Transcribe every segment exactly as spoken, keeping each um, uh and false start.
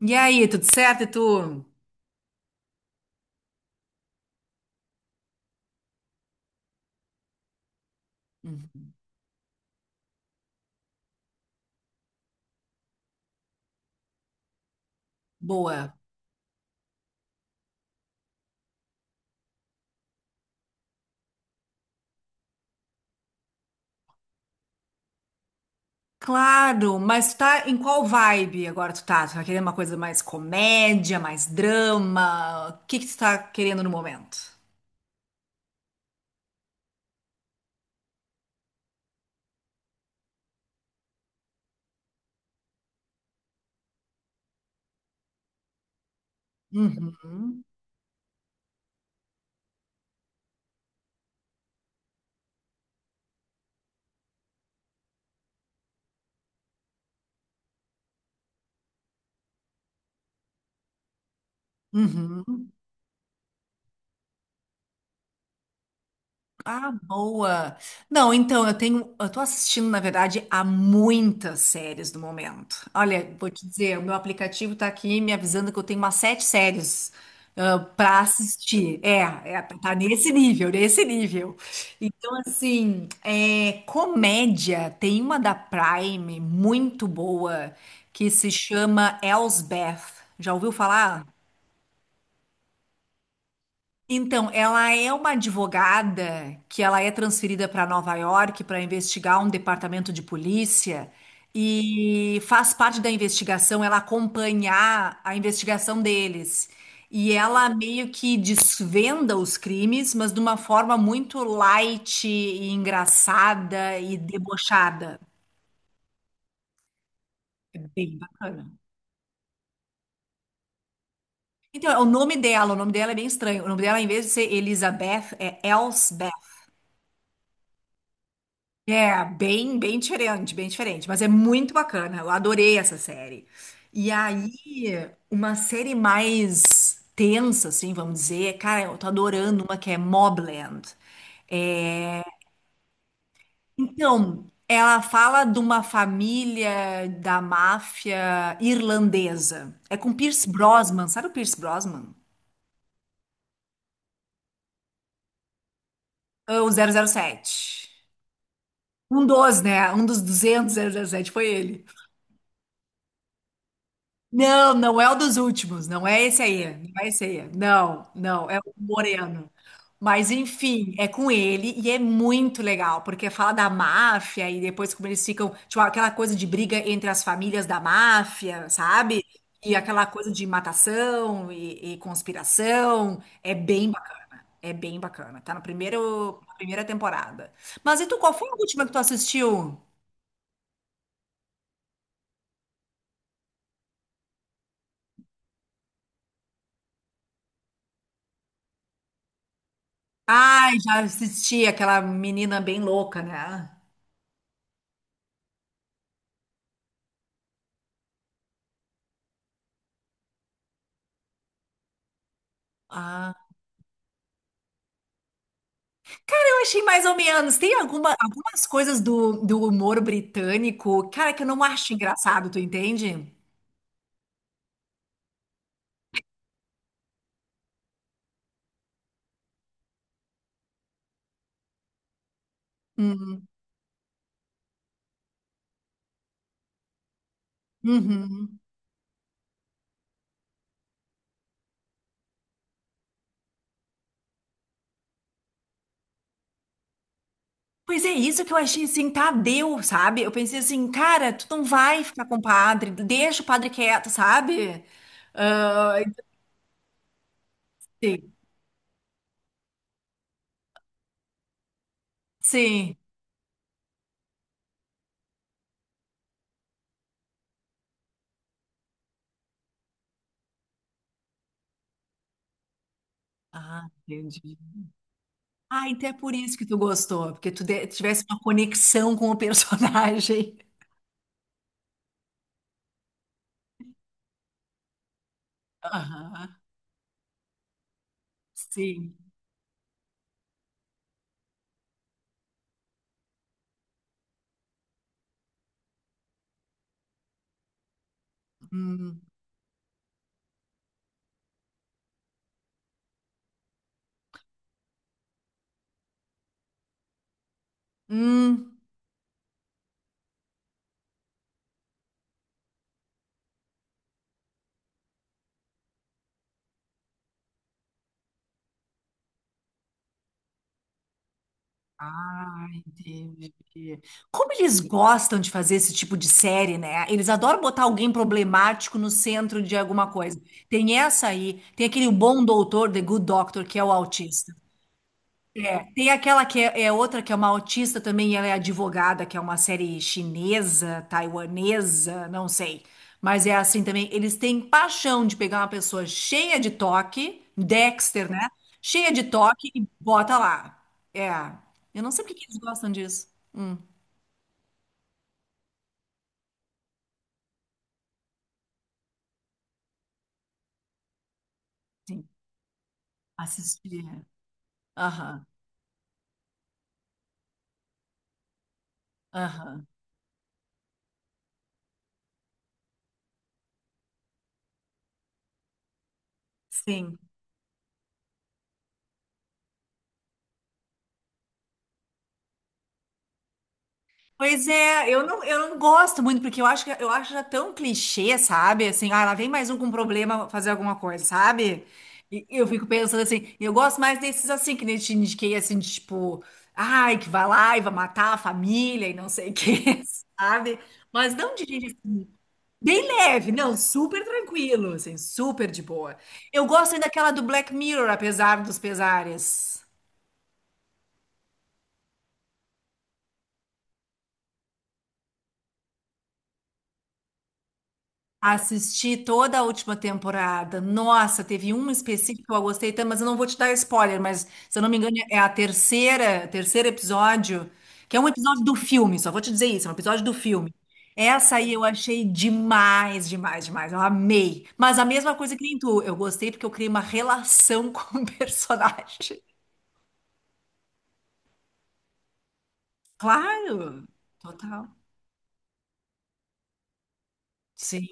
E aí, tudo certo? E tu? Uhum. Boa. Claro, mas tá em qual vibe agora tu tá? Tu tá querendo uma coisa mais comédia, mais drama? O que que tu tá querendo no momento? Uhum, uhum. Ah, boa. Não, então eu tenho, eu tô assistindo, na verdade, a muitas séries do momento. Olha, vou te dizer, o meu aplicativo tá aqui me avisando que eu tenho umas sete séries ah, pra para assistir. É, é, tá nesse nível, nesse nível. Então, assim, é, comédia, tem uma da Prime muito boa que se chama Elsbeth. Já ouviu falar? Então, ela é uma advogada que ela é transferida para Nova York para investigar um departamento de polícia e faz parte da investigação, ela acompanhar a investigação deles. E ela meio que desvenda os crimes, mas de uma forma muito light e engraçada e debochada. É bem bacana. Então, o nome dela, o nome dela é bem estranho. O nome dela, em vez de ser Elizabeth, é Elsbeth. É, bem, bem diferente, bem diferente, mas é muito bacana. Eu adorei essa série. E aí, uma série mais tensa, assim, vamos dizer, cara, eu tô adorando uma que é Mobland. Então, ela fala de uma família da máfia irlandesa. É com Pierce Brosnan, sabe o Pierce Brosnan? É o zero zero sete. Um dos, né? Um dos duzentos zero zero sete foi ele. Não, não é o dos últimos, não é esse aí, não é esse aí. Não, não, é o Moreno. Mas enfim, é com ele e é muito legal, porque fala da máfia e depois como eles ficam, tipo, aquela coisa de briga entre as famílias da máfia, sabe? E aquela coisa de matação e, e conspiração. É bem, ba- é bem bacana. Tá no primeiro, na primeira temporada. Mas e tu, qual foi a última que tu assistiu? Ai, já assisti aquela menina bem louca, né? Ah. Eu achei mais ou menos. Tem alguma, algumas coisas do, do humor britânico, cara, que eu não acho engraçado, tu entende? Uhum. Uhum. Pois é, isso que eu achei assim, tá, deu, sabe? Eu pensei assim, cara, tu não vai ficar com o padre, deixa o padre quieto, sabe? Ah, sim, sim. Ah, entendi. Ah, então é por isso que tu gostou, porque tu de- tivesse uma conexão com o personagem. Aham, sim. Hum. Hum. Ah, entendi. Como eles gostam de fazer esse tipo de série, né? Eles adoram botar alguém problemático no centro de alguma coisa. Tem essa aí, tem aquele O Bom Doutor, The Good Doctor, que é o autista. É, tem aquela que é, é outra que é uma autista também, e ela é advogada, que é uma série chinesa, taiwanesa, não sei. Mas é assim também, eles têm paixão de pegar uma pessoa cheia de toque, Dexter, né? Cheia de toque e bota lá. É. Eu não sei por que que eles gostam disso. Hum, sim. Assistir. É. Aham, aham. Sim. Pois é, eu não, eu não gosto muito, porque eu acho que eu acho já tão clichê, sabe? Assim, ah, lá vem mais um com problema fazer alguma coisa, sabe? E eu fico pensando assim, eu gosto mais desses assim, que nem eu te indiquei, assim, de, tipo, ai, que vai lá e vai matar a família e não sei o quê, sabe? Mas não de gente assim, bem leve, não, super tranquilo, assim, super de boa. Eu gosto ainda daquela do Black Mirror, apesar dos pesares. Assisti toda a última temporada. Nossa, teve um específico que eu gostei tanto, mas eu não vou te dar spoiler, mas se eu não me engano é a terceira, terceiro episódio, que é um episódio do filme, só vou te dizer isso, é um episódio do filme. Essa aí eu achei demais, demais, demais. Eu amei. Mas a mesma coisa que nem tu, eu gostei porque eu criei uma relação com o personagem. Claro, total. Sim.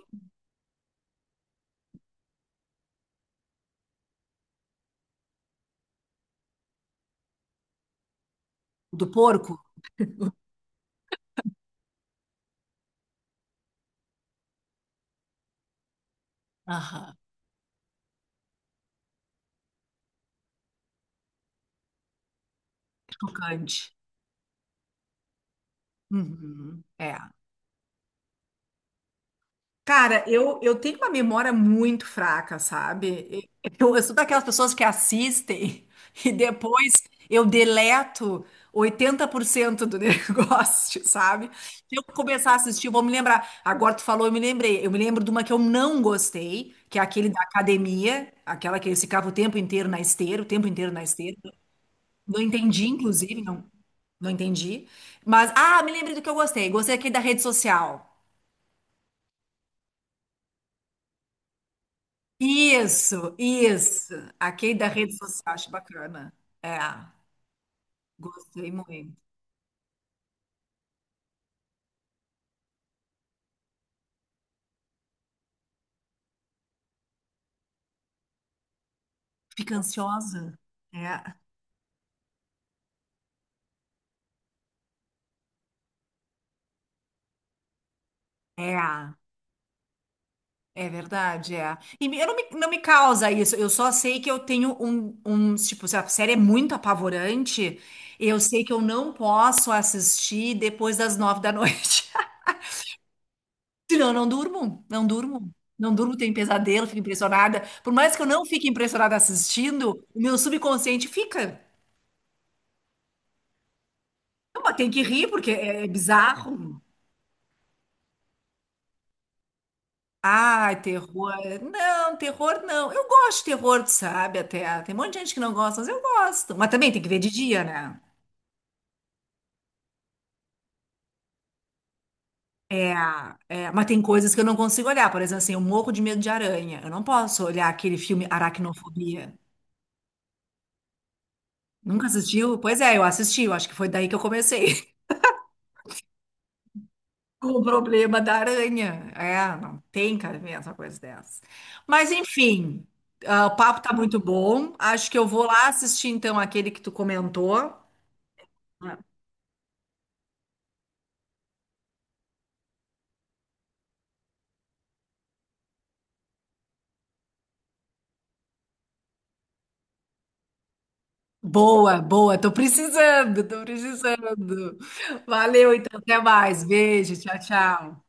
O do porco? Aham. Chocante. Uhum. É. Cara, eu, eu tenho uma memória muito fraca, sabe? Eu, eu sou daquelas pessoas que assistem e depois eu deleto oitenta por cento do negócio, sabe? Se eu começar a assistir, eu vou me lembrar. Agora tu falou, eu me lembrei. Eu me lembro de uma que eu não gostei, que é aquele da academia, aquela que eles ficavam o tempo inteiro na esteira, o tempo inteiro na esteira. Não entendi, inclusive, não, não entendi. Mas, ah, me lembrei do que eu gostei. Gostei aquele da rede social. Isso, isso. Aquele da rede social, acho bacana. É, gostei muito. Fica ansiosa. É, é, é verdade, é. E me- eu não me, não me causa isso, eu só sei que eu tenho um, um, tipo, se a série é muito apavorante, eu sei que eu não posso assistir depois das nove da noite. Senão eu não durmo, não durmo. Não durmo, tenho pesadelo, fico impressionada. Por mais que eu não fique impressionada assistindo, o meu subconsciente fica. Não, mas tem que rir, porque é é bizarro. Ai, terror. Não, terror não. Eu gosto de terror, tu sabe, até. Tem um monte de gente que não gosta, mas eu gosto. Mas também tem que ver de dia, né? É, é, mas tem coisas que eu não consigo olhar. Por exemplo, assim, eu morro de medo de aranha. Eu não posso olhar aquele filme Aracnofobia. Nunca assistiu? Pois é, eu assisti. Eu acho que foi daí que eu comecei. Com o problema da aranha. É, não tem cabimento essa coisa dessa. Mas, enfim, ah, o papo tá muito bom. Acho que eu vou lá assistir, então, aquele que tu comentou. Boa, boa. Tô precisando, tô precisando. Valeu, então. Até mais. Beijo. Tchau, tchau.